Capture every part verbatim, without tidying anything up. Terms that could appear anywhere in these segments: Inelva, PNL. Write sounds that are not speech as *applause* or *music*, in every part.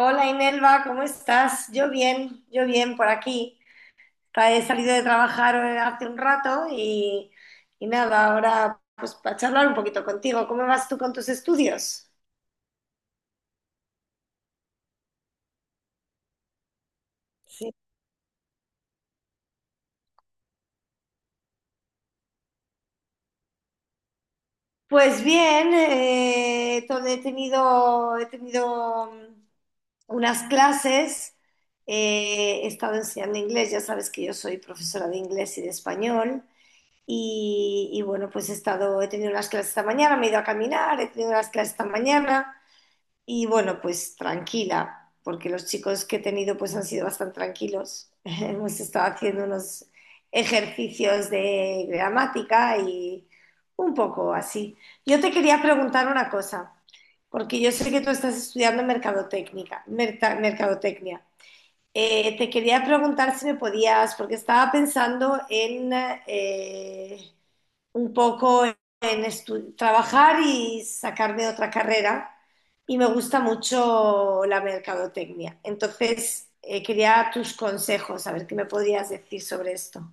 Hola Inelva, ¿cómo estás? Yo bien, yo bien por aquí. Tra- He salido de trabajar eh, hace un rato y, y nada, ahora pues para charlar un poquito contigo. ¿Cómo vas tú con tus estudios? Sí. Pues bien, eh, to- he tenido, he tenido mm, unas clases, eh, he estado enseñando inglés, ya sabes que yo soy profesora de inglés y de español, y, y bueno, pues he estado, he tenido unas clases esta mañana, me he ido a caminar, he tenido unas clases esta mañana. Y bueno, pues tranquila, porque los chicos que he tenido pues han sido bastante tranquilos. *laughs* Hemos estado haciendo unos ejercicios de gramática y un poco así. Yo te quería preguntar una cosa, porque yo sé que tú estás estudiando mercadotecnia, merta- mercadotecnia. Eh, te quería preguntar si me podías, porque estaba pensando en eh, un poco en estu- trabajar y sacarme otra carrera. Y me gusta mucho la mercadotecnia. Entonces, eh, quería tus consejos, a ver qué me podrías decir sobre esto.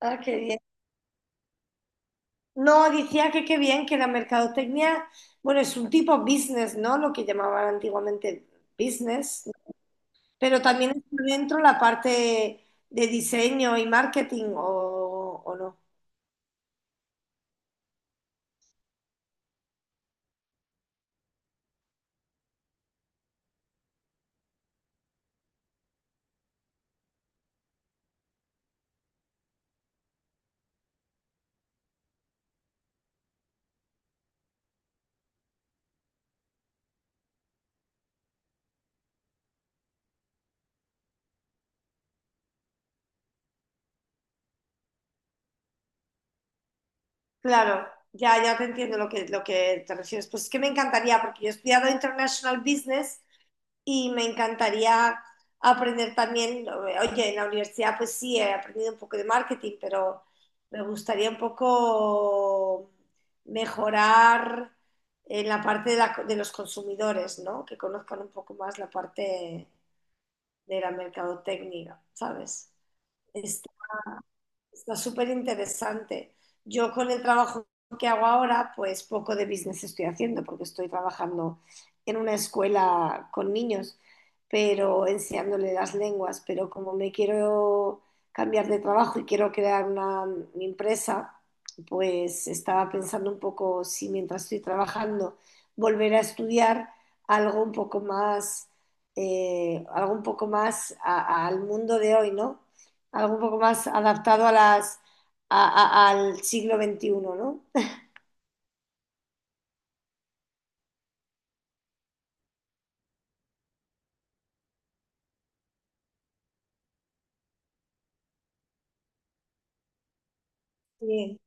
Ah, qué bien. No, decía que qué bien que la mercadotecnia, bueno, es un tipo business, ¿no? Lo que llamaban antiguamente business, pero también está dentro la parte de diseño y marketing, ¿o, o no? Claro, ya, ya te entiendo lo que, lo que te refieres. Pues es que me encantaría, porque yo he estudiado International Business y me encantaría aprender también, oye, en la universidad pues sí, he aprendido un poco de marketing, pero me gustaría un poco mejorar en la parte de, la- de los consumidores, ¿no? Que conozcan un poco más la parte de la mercadotecnia, ¿sabes? Este, Está súper interesante. Yo con el trabajo que hago ahora, pues poco de business estoy haciendo porque estoy trabajando en una escuela con niños, pero enseñándole las lenguas, pero como me quiero cambiar de trabajo y quiero crear una mi empresa, pues estaba pensando un poco si mientras estoy trabajando volver a estudiar algo un poco más, eh, algo un poco más a- al mundo de hoy, ¿no? Algo un poco más adaptado a las, a- a- al siglo veintiuno, ¿no? Sí.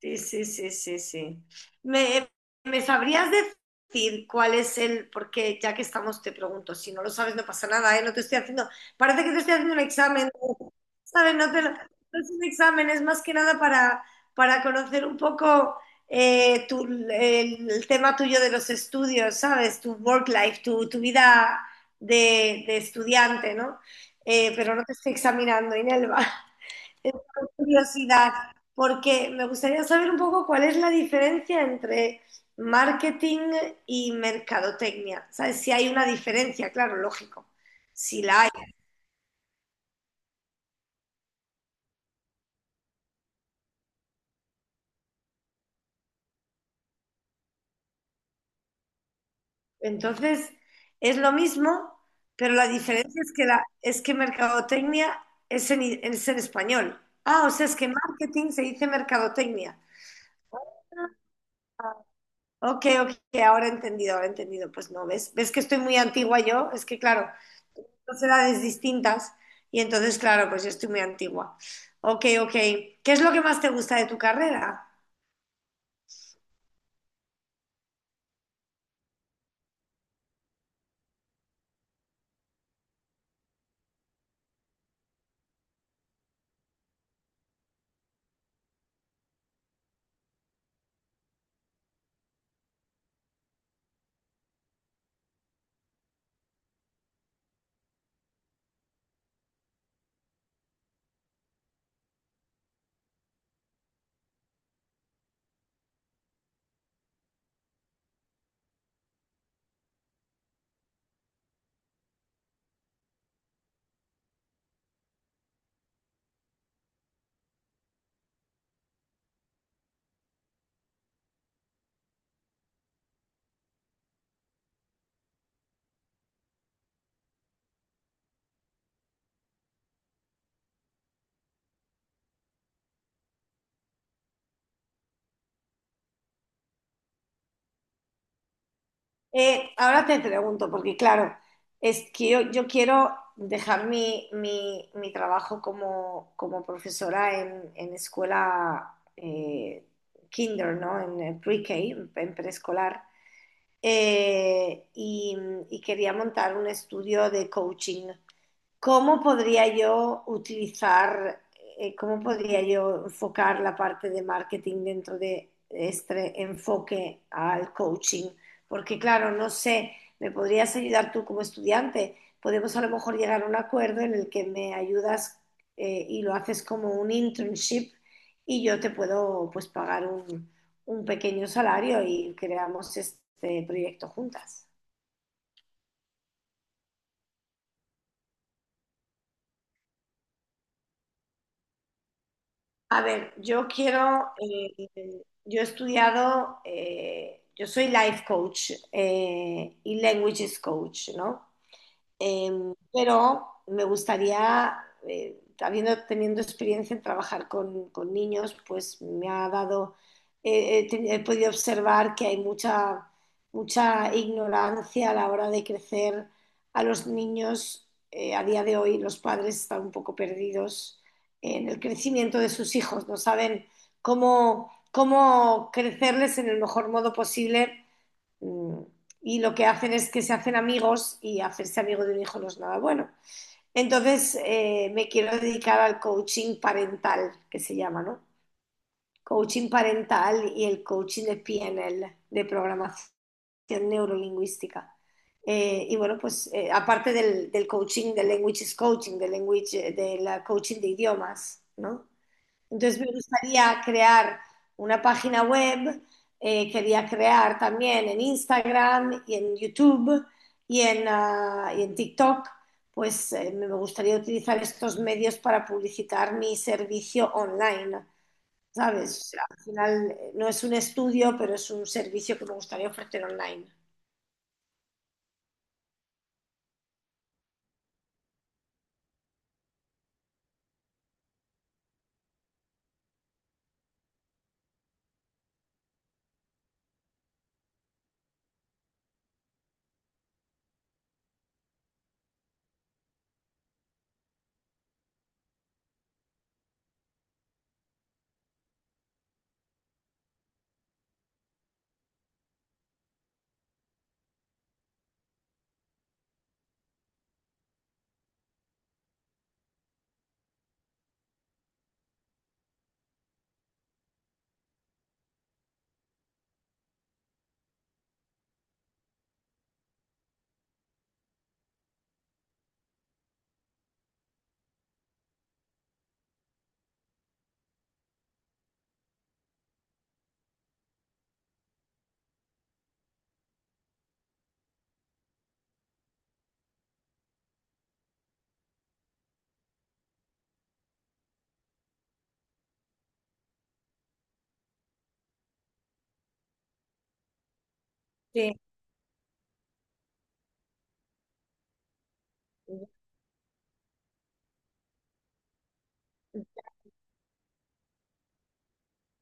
Sí, sí, sí, sí, sí. ¿Me, ¿Me sabrías decir cuál es el, porque ya que estamos, te pregunto, si no lo sabes no pasa nada, ¿eh? No te estoy haciendo, parece que te estoy haciendo un examen, ¿sabes? No te lo- no es un examen, es más que nada para, para conocer un poco eh, tu- el, el tema tuyo de los estudios, ¿sabes? Tu work life, tu, tu vida de, de estudiante, ¿no? Eh, pero no te estoy examinando, Inelva. Es por curiosidad, porque me gustaría saber un poco cuál es la diferencia entre marketing y mercadotecnia. ¿Sabes? Si hay una diferencia, claro, lógico, si la hay. Entonces, es lo mismo, pero la diferencia es que, la, es que mercadotecnia es en, es en español. Ah, o sea, es que marketing se dice mercadotecnia. Ok, ok, ahora he entendido, ahora he entendido. Pues no, ¿ves? ¿Ves que estoy muy antigua yo? Es que claro, dos edades distintas y entonces, claro, pues yo estoy muy antigua. Ok, ok. ¿Qué es lo que más te gusta de tu carrera? Eh, ahora te pregunto, porque claro, es que yo, yo quiero dejar mi, mi- mi trabajo como, como profesora en, en escuela eh, kinder, ¿no? En eh, pre-K, en en preescolar. Eh, y, y quería montar un estudio de coaching. ¿Cómo podría yo utilizar, eh, cómo podría yo enfocar la parte de marketing dentro de este enfoque al coaching? Porque claro, no sé, me podrías ayudar tú como estudiante. Podemos a lo mejor llegar a un acuerdo en el que me ayudas, eh, y lo haces como un internship y yo te puedo pues pagar un, un pequeño salario y creamos este proyecto juntas. A ver, yo quiero, eh, yo he estudiado, eh, yo soy life coach, eh, y languages coach, ¿no? Em, pero me gustaría, eh, habiendo teniendo experiencia en trabajar con, con niños, pues me ha dado, eh, he, teni- he podido observar que hay mucha, mucha ignorancia a la hora de crecer a los niños. Eh, a día de hoy los padres están un poco perdidos en el crecimiento de sus hijos, no saben cómo, cómo crecerles en el mejor modo posible. Mm, Y lo que hacen es que se hacen amigos, y hacerse amigo de un hijo no es nada bueno. Entonces, eh, me quiero dedicar al coaching parental, que se llama, ¿no? Coaching parental y el coaching de P N L, de programación neurolingüística. Eh, y bueno, pues eh, aparte del, del coaching, del language coaching, del language, eh, del coaching de idiomas, ¿no? Entonces me gustaría crear una página web, eh, quería crear también en Instagram y en YouTube y en, ah, y en TikTok, pues eh, me gustaría utilizar estos medios para publicitar mi servicio online, ¿sabes? O sea, al final eh, no es un estudio, pero es un servicio que me gustaría ofrecer online. Sí.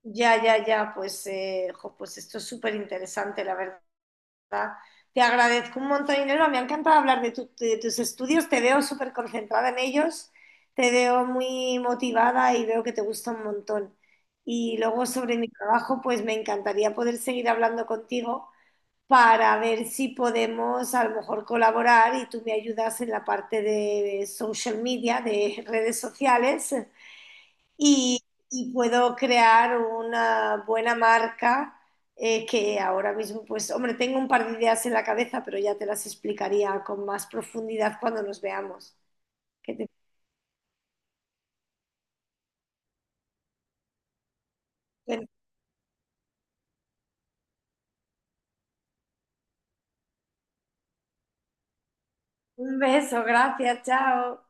Ya, ya, ya, pues, eh, jo, pues esto es súper interesante, la verdad. Te agradezco un montón, Inelva. Me ha encantado hablar de, tu- de tus estudios. Te veo súper concentrada en ellos, te veo muy motivada y veo que te gusta un montón. Y luego sobre mi trabajo, pues me encantaría poder seguir hablando contigo para ver si podemos a lo mejor colaborar y tú me ayudas en la parte de social media, de redes sociales, y, y puedo crear una buena marca eh, que ahora mismo, pues, hombre, tengo un par de ideas en la cabeza, pero ya te las explicaría con más profundidad cuando nos veamos. Que te- Un beso, gracias, chao.